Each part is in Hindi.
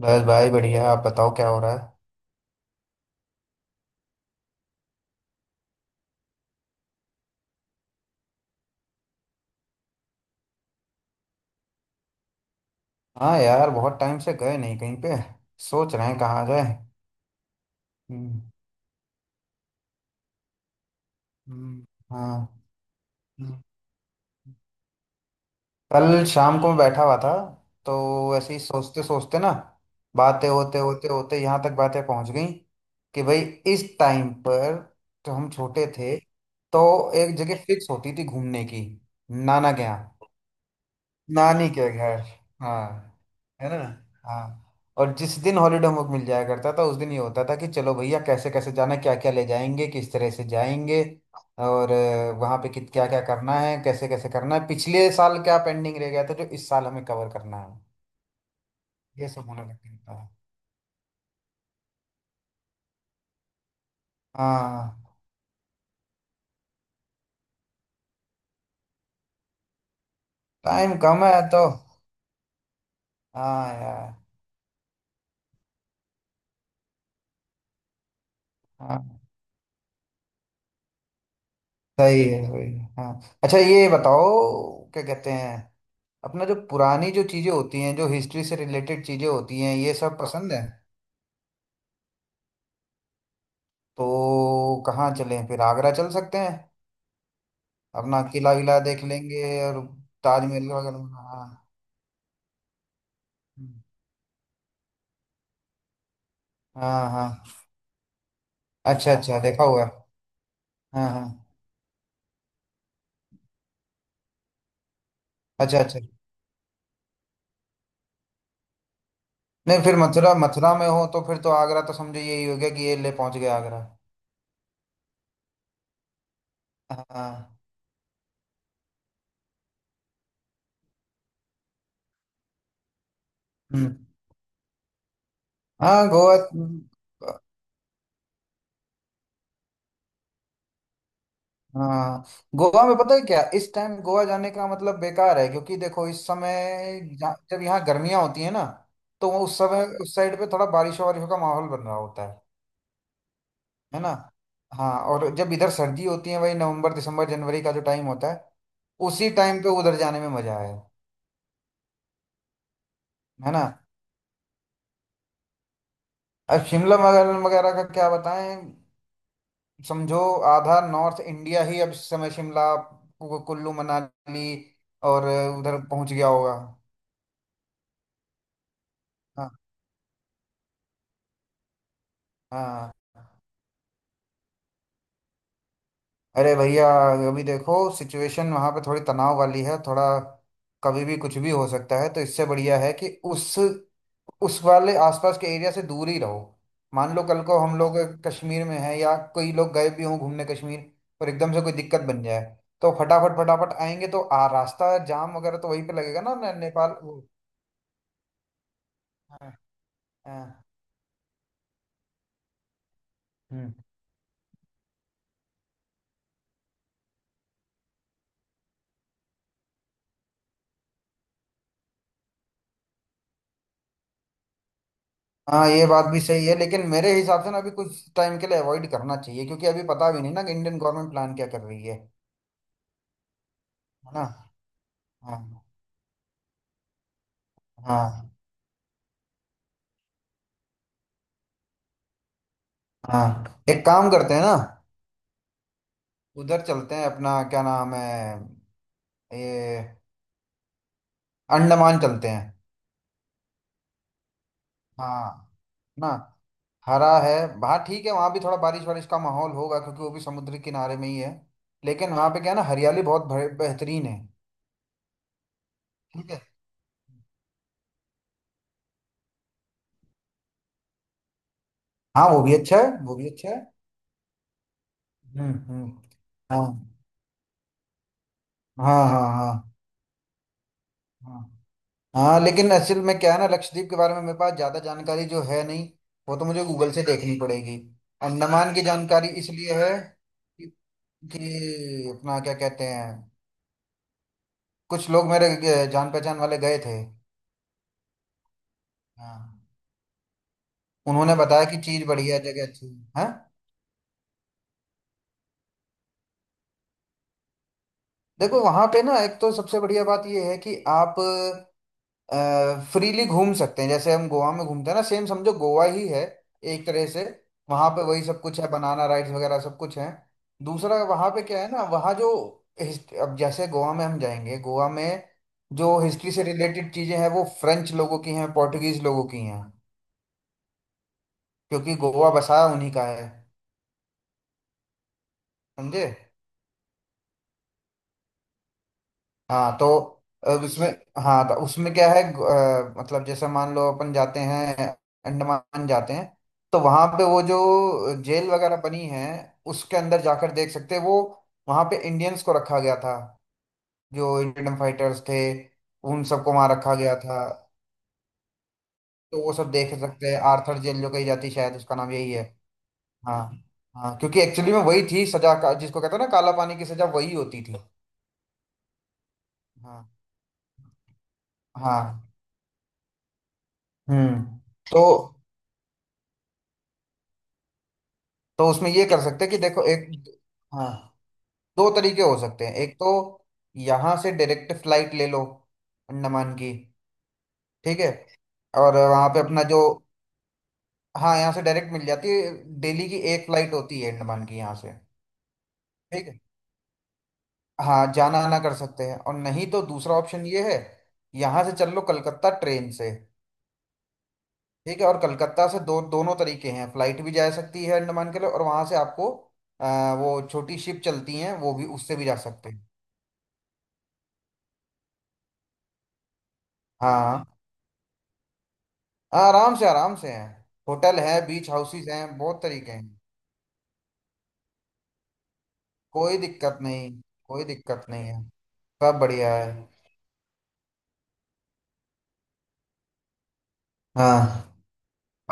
बस भाई बढ़िया। आप बताओ क्या हो रहा है। हाँ यार, बहुत टाइम से गए नहीं कहीं पे। सोच रहे हैं कहाँ जाए। हम्म। हम्म। हाँ। हम्म। कल शाम को मैं बैठा हुआ था, तो ऐसे ही सोचते सोचते ना बातें होते होते होते यहाँ तक बातें पहुंच गई कि भाई इस टाइम पर जब हम छोटे थे तो एक जगह फिक्स होती थी घूमने की। नाना के यहाँ, नानी के घर। हाँ, है ना। हाँ। और जिस दिन हॉलीडे होमवर्क मिल जाया करता था उस दिन ये होता था कि चलो भैया कैसे कैसे जाना, क्या क्या ले जाएंगे, किस तरह से जाएंगे, और वहाँ पे कित क्या क्या करना है, कैसे कैसे करना है, पिछले साल क्या पेंडिंग रह गया था जो इस साल हमें कवर करना है। ये सब होने लग गया था। हाँ। टाइम कम है तो। हाँ यार। हाँ। सही है सही है। हाँ अच्छा, ये बताओ, क्या कहते हैं, अपना जो पुरानी जो चीज़ें होती हैं जो हिस्ट्री से रिलेटेड चीज़ें होती हैं ये सब पसंद है। तो कहाँ चलें? फिर आगरा चल सकते हैं। अपना किला विला देख लेंगे और ताजमहल वगैरह। हाँ। हाँ। हाँ। अच्छा अच्छा, देखा हुआ है। हाँ हाँ। अच्छा अच्छा। नहीं, फिर मथुरा, मथुरा में हो तो फिर तो आगरा तो समझो यही हो गया, कि ये ले पहुंच गया आगरा। हाँ। हम्म। हाँ गोवा। हाँ, गोवा में पता है क्या, इस टाइम गोवा जाने का मतलब बेकार है, क्योंकि देखो इस समय जब यहाँ गर्मियां होती है ना तो वो उस समय उस साइड पे थोड़ा बारिशों वारिशों का माहौल बन रहा होता है। है ना। हाँ, और जब इधर सर्दी होती है, वही नवंबर दिसंबर जनवरी का जो टाइम होता है, उसी टाइम पे उधर जाने में मजा है। है ना। अब शिमला वगैरह वगैरह का क्या बताएं, समझो आधा नॉर्थ इंडिया ही अब इस समय शिमला कुल्लू मनाली और उधर पहुंच गया होगा। हाँ। हाँ। अरे भैया, अभी देखो सिचुएशन वहां पे थोड़ी तनाव वाली है, थोड़ा कभी भी कुछ भी हो सकता है, तो इससे बढ़िया है कि उस वाले आसपास के एरिया से दूर ही रहो। मान लो कल को हम लोग कश्मीर में हैं, या कोई लोग गए भी हों घूमने कश्मीर, और एकदम से कोई दिक्कत बन जाए, तो फटाफट फटाफट आएंगे तो आ रास्ता जाम वगैरह तो वहीं पे लगेगा ना नेपाल हाँ। हाँ। हम्म। हाँ, ये बात भी सही है, लेकिन मेरे हिसाब से ना अभी कुछ टाइम के लिए अवॉइड करना चाहिए, क्योंकि अभी पता भी नहीं ना कि इंडियन गवर्नमेंट प्लान क्या कर रही है। है ना। हाँ। हाँ। हाँ, एक काम करते हैं ना, उधर चलते हैं, अपना क्या नाम है, ये, अंडमान चलते हैं। हाँ। ना, हरा है। हाँ ठीक है, वहाँ भी थोड़ा बारिश वारिश का माहौल होगा, क्योंकि वो भी समुद्र के किनारे में ही है, लेकिन वहाँ पे क्या है ना, हरियाली बहुत बेहतरीन है। ठीक है। हाँ, वो भी अच्छा है, वो भी अच्छा है। हम्म। हाँ हाँ हाँ। हाँ। हाँ। हाँ लेकिन असल में क्या है ना, लक्षद्वीप के बारे में मेरे पास ज्यादा जानकारी जो है नहीं। वो तो मुझे गूगल से देखनी पड़ेगी। अंडमान की जानकारी इसलिए है कि, कि अपना क्या कहते हैं, कुछ लोग मेरे जान पहचान वाले गए थे। हाँ। उन्होंने बताया कि चीज बढ़िया है, जगह अच्छी है। हाँ? देखो वहां पे ना, एक तो सबसे बढ़िया बात ये है कि आप फ्रीली घूम सकते हैं, जैसे हम गोवा में घूमते हैं ना, सेम समझो गोवा ही है एक तरह से। वहां पे वही सब कुछ है, बनाना राइड्स वगैरह सब कुछ है। दूसरा वहां पे क्या है ना, वहाँ जो अब जैसे गोवा में हम जाएंगे, गोवा में जो हिस्ट्री से रिलेटेड चीजें हैं वो फ्रेंच लोगों की हैं, पोर्टुगीज लोगों की हैं, क्योंकि गोवा बसाया उन्हीं का है। समझे। हाँ तो अब उसमें, हाँ तो उसमें क्या है मतलब जैसे मान लो अपन जाते हैं, अंडमान जाते हैं, तो वहां पे वो जो जेल वगैरह बनी है उसके अंदर जाकर देख सकते हैं। वो वहां पे इंडियंस को रखा गया था, जो इंडियन फाइटर्स थे, उन सबको वहां रखा गया था। तो वो सब देख सकते हैं, आर्थर जेल जो कही जाती है, शायद उसका नाम यही है। हाँ। हाँ, क्योंकि एक्चुअली में वही थी सजा का जिसको कहते हैं ना, काला पानी की सजा, वही होती थी। हाँ। हाँ। हम्म। तो तो उसमें ये कर सकते हैं कि देखो, एक, हाँ, दो तरीके हो सकते हैं। एक तो यहाँ से डायरेक्ट फ्लाइट ले लो अंडमान की, ठीक है, और वहाँ पे अपना जो, हाँ यहाँ से डायरेक्ट मिल जाती है, डेली की एक फ्लाइट होती है अंडमान की यहाँ से। ठीक है। हाँ, जाना आना कर सकते हैं, और नहीं तो दूसरा ऑप्शन ये है, यहाँ से चल लो कलकत्ता ट्रेन से, ठीक है, और कलकत्ता से दो दोनों तरीके हैं, फ्लाइट भी जा सकती है अंडमान के लिए, और वहाँ से आपको अ, वो छोटी शिप चलती हैं, वो भी उससे भी जा सकते हैं। हाँ। हाँ, आराम से हैं, होटल है, बीच हाउसेस हैं, बहुत तरीके हैं। कोई दिक्कत नहीं, कोई दिक्कत नहीं है, सब बढ़िया है। हाँ।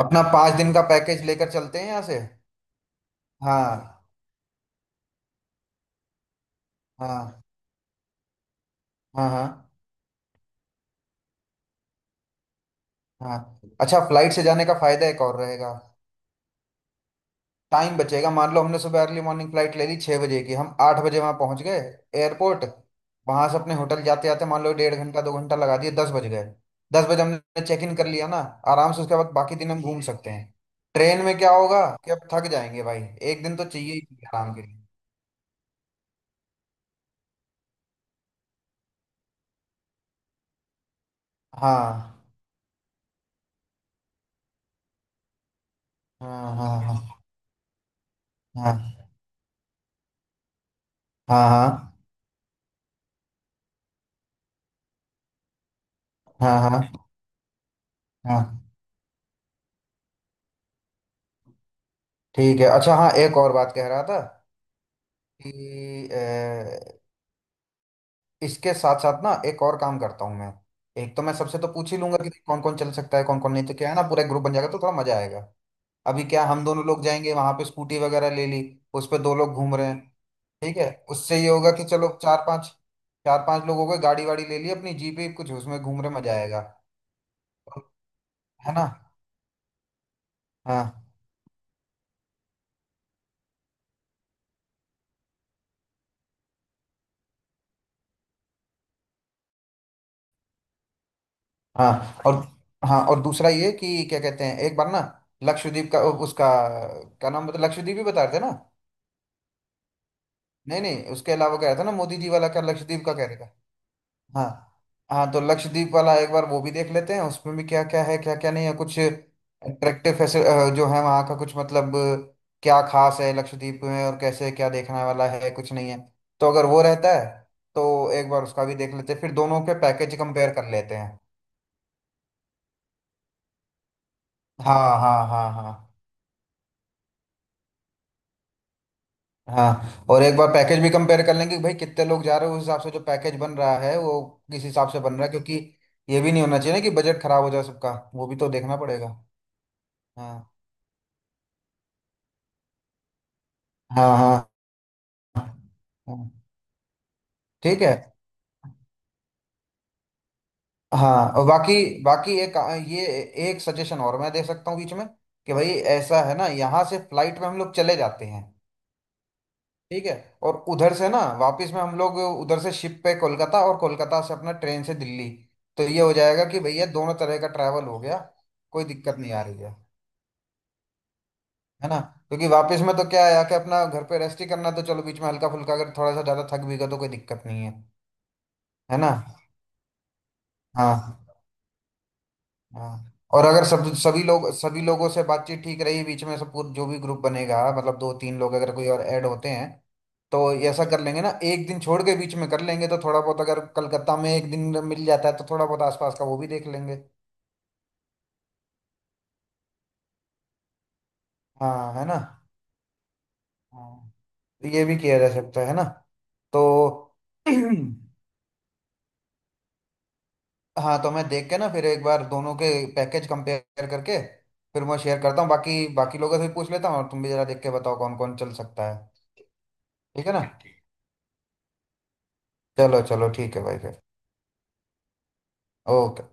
अपना 5 दिन का पैकेज लेकर चलते हैं यहाँ से। हाँ। हाँ। हाँ। हाँ। हाँ अच्छा, फ्लाइट से जाने का फायदा एक और रहेगा, टाइम बचेगा। मान लो हमने सुबह अर्ली मॉर्निंग फ्लाइट ले ली 6 बजे की, हम 8 बजे वहां पहुंच गए एयरपोर्ट, वहां से अपने होटल जाते जाते मान लो डेढ़ घंटा दो घंटा लगा दिए, 10 बज गए, 10 बजे हमने चेक इन कर लिया ना, आराम से उसके बाद बाकी दिन हम घूम सकते हैं। ट्रेन में क्या होगा कि अब थक जाएंगे भाई, एक दिन तो चाहिए ही चाहिए आराम के लिए। हाँ हाँ हाँ हाँ। हाँ हाँ हाँ हाँ। हाँ। हाँ। ठीक है। अच्छा हाँ, एक और बात कह रहा था कि इसके साथ साथ ना एक और काम करता हूँ मैं। एक तो मैं सबसे तो पूछ ही लूंगा कि कौन कौन चल सकता है कौन कौन नहीं, तो क्या है ना, पूरा ग्रुप बन जाएगा तो थोड़ा मजा आएगा। अभी क्या, हम दोनों लोग जाएंगे वहां पे, स्कूटी वगैरह ले ली, उस पे दो लोग घूम रहे हैं। ठीक है, उससे ये होगा कि चलो चार पांच लोग हो गए, गाड़ी वाड़ी ले ली अपनी, जीप ही कुछ उसमें घूम रहे, मजा आएगा। और- है ना। हाँ। हाँ और, हाँ और दूसरा ये कि क्या कहते हैं, एक बार ना लक्षद्वीप का उसका क्या नाम बता, लक्षद्वीप ही बता रहे थे ना। नहीं नहीं उसके अलावा, कह रहा था ना मोदी जी वाला, क्या लक्षद्वीप का कह रहे थे। हाँ। हाँ तो लक्षद्वीप वाला एक बार वो भी देख लेते हैं, उसमें भी क्या क्या है क्या क्या नहीं है, कुछ अट्रैक्टिव जो है वहाँ का, कुछ मतलब क्या खास है लक्षद्वीप में और कैसे क्या देखने वाला है कुछ नहीं है। तो अगर वो रहता है तो एक बार उसका भी देख लेते हैं, फिर दोनों के पैकेज कंपेयर कर लेते हैं। हाँ हाँ हाँ हाँ। हाँ, और एक बार पैकेज भी कंपेयर कर लेंगे कि भाई कितने लोग जा रहे हैं, उस हिसाब से जो पैकेज बन रहा है वो किस हिसाब से बन रहा है, क्योंकि ये भी नहीं होना चाहिए ना कि बजट खराब हो जाए सबका, वो भी तो देखना पड़ेगा। हाँ हाँ हाँ। हाँ, ठीक है। हाँ, और बाकी, बाकी एक, ये, एक सजेशन और मैं दे सकता हूँ बीच में कि भाई, ऐसा है ना, यहाँ से फ्लाइट में हम लोग चले जाते हैं, ठीक है, और उधर से ना वापस में हम लोग उधर से शिप पे कोलकाता, और कोलकाता से अपना ट्रेन से दिल्ली। तो ये हो जाएगा कि भैया दोनों तरह का ट्रैवल हो गया, कोई दिक्कत नहीं आ रही है। है ना। क्योंकि वापस में तो क्या है, आके अपना घर पे रेस्ट ही करना, तो चलो बीच में हल्का फुल्का अगर थोड़ा सा ज्यादा थक भी गए तो कोई दिक्कत नहीं है। है ना। हाँ। हाँ, और अगर सब सभी लोग, सभी लोगों से बातचीत ठीक रही बीच में, सब जो भी ग्रुप बनेगा, मतलब 2 3 लोग अगर कोई और ऐड होते हैं, तो ये ऐसा कर लेंगे ना, एक दिन छोड़ के बीच में कर लेंगे, तो थोड़ा बहुत अगर कलकत्ता में एक दिन मिल जाता है तो थोड़ा बहुत आसपास का वो भी देख लेंगे। हाँ। है ना। हाँ। तो ये भी किया जा सकता है ना। तो हाँ, तो मैं देख के ना फिर एक बार दोनों के पैकेज कंपेयर करके फिर मैं शेयर करता हूँ, बाकी बाकी लोगों से भी पूछ लेता हूँ, और तुम भी जरा देख के बताओ कौन कौन चल सकता है। ठीक है ना। चलो चलो, ठीक है भाई फिर। ओके।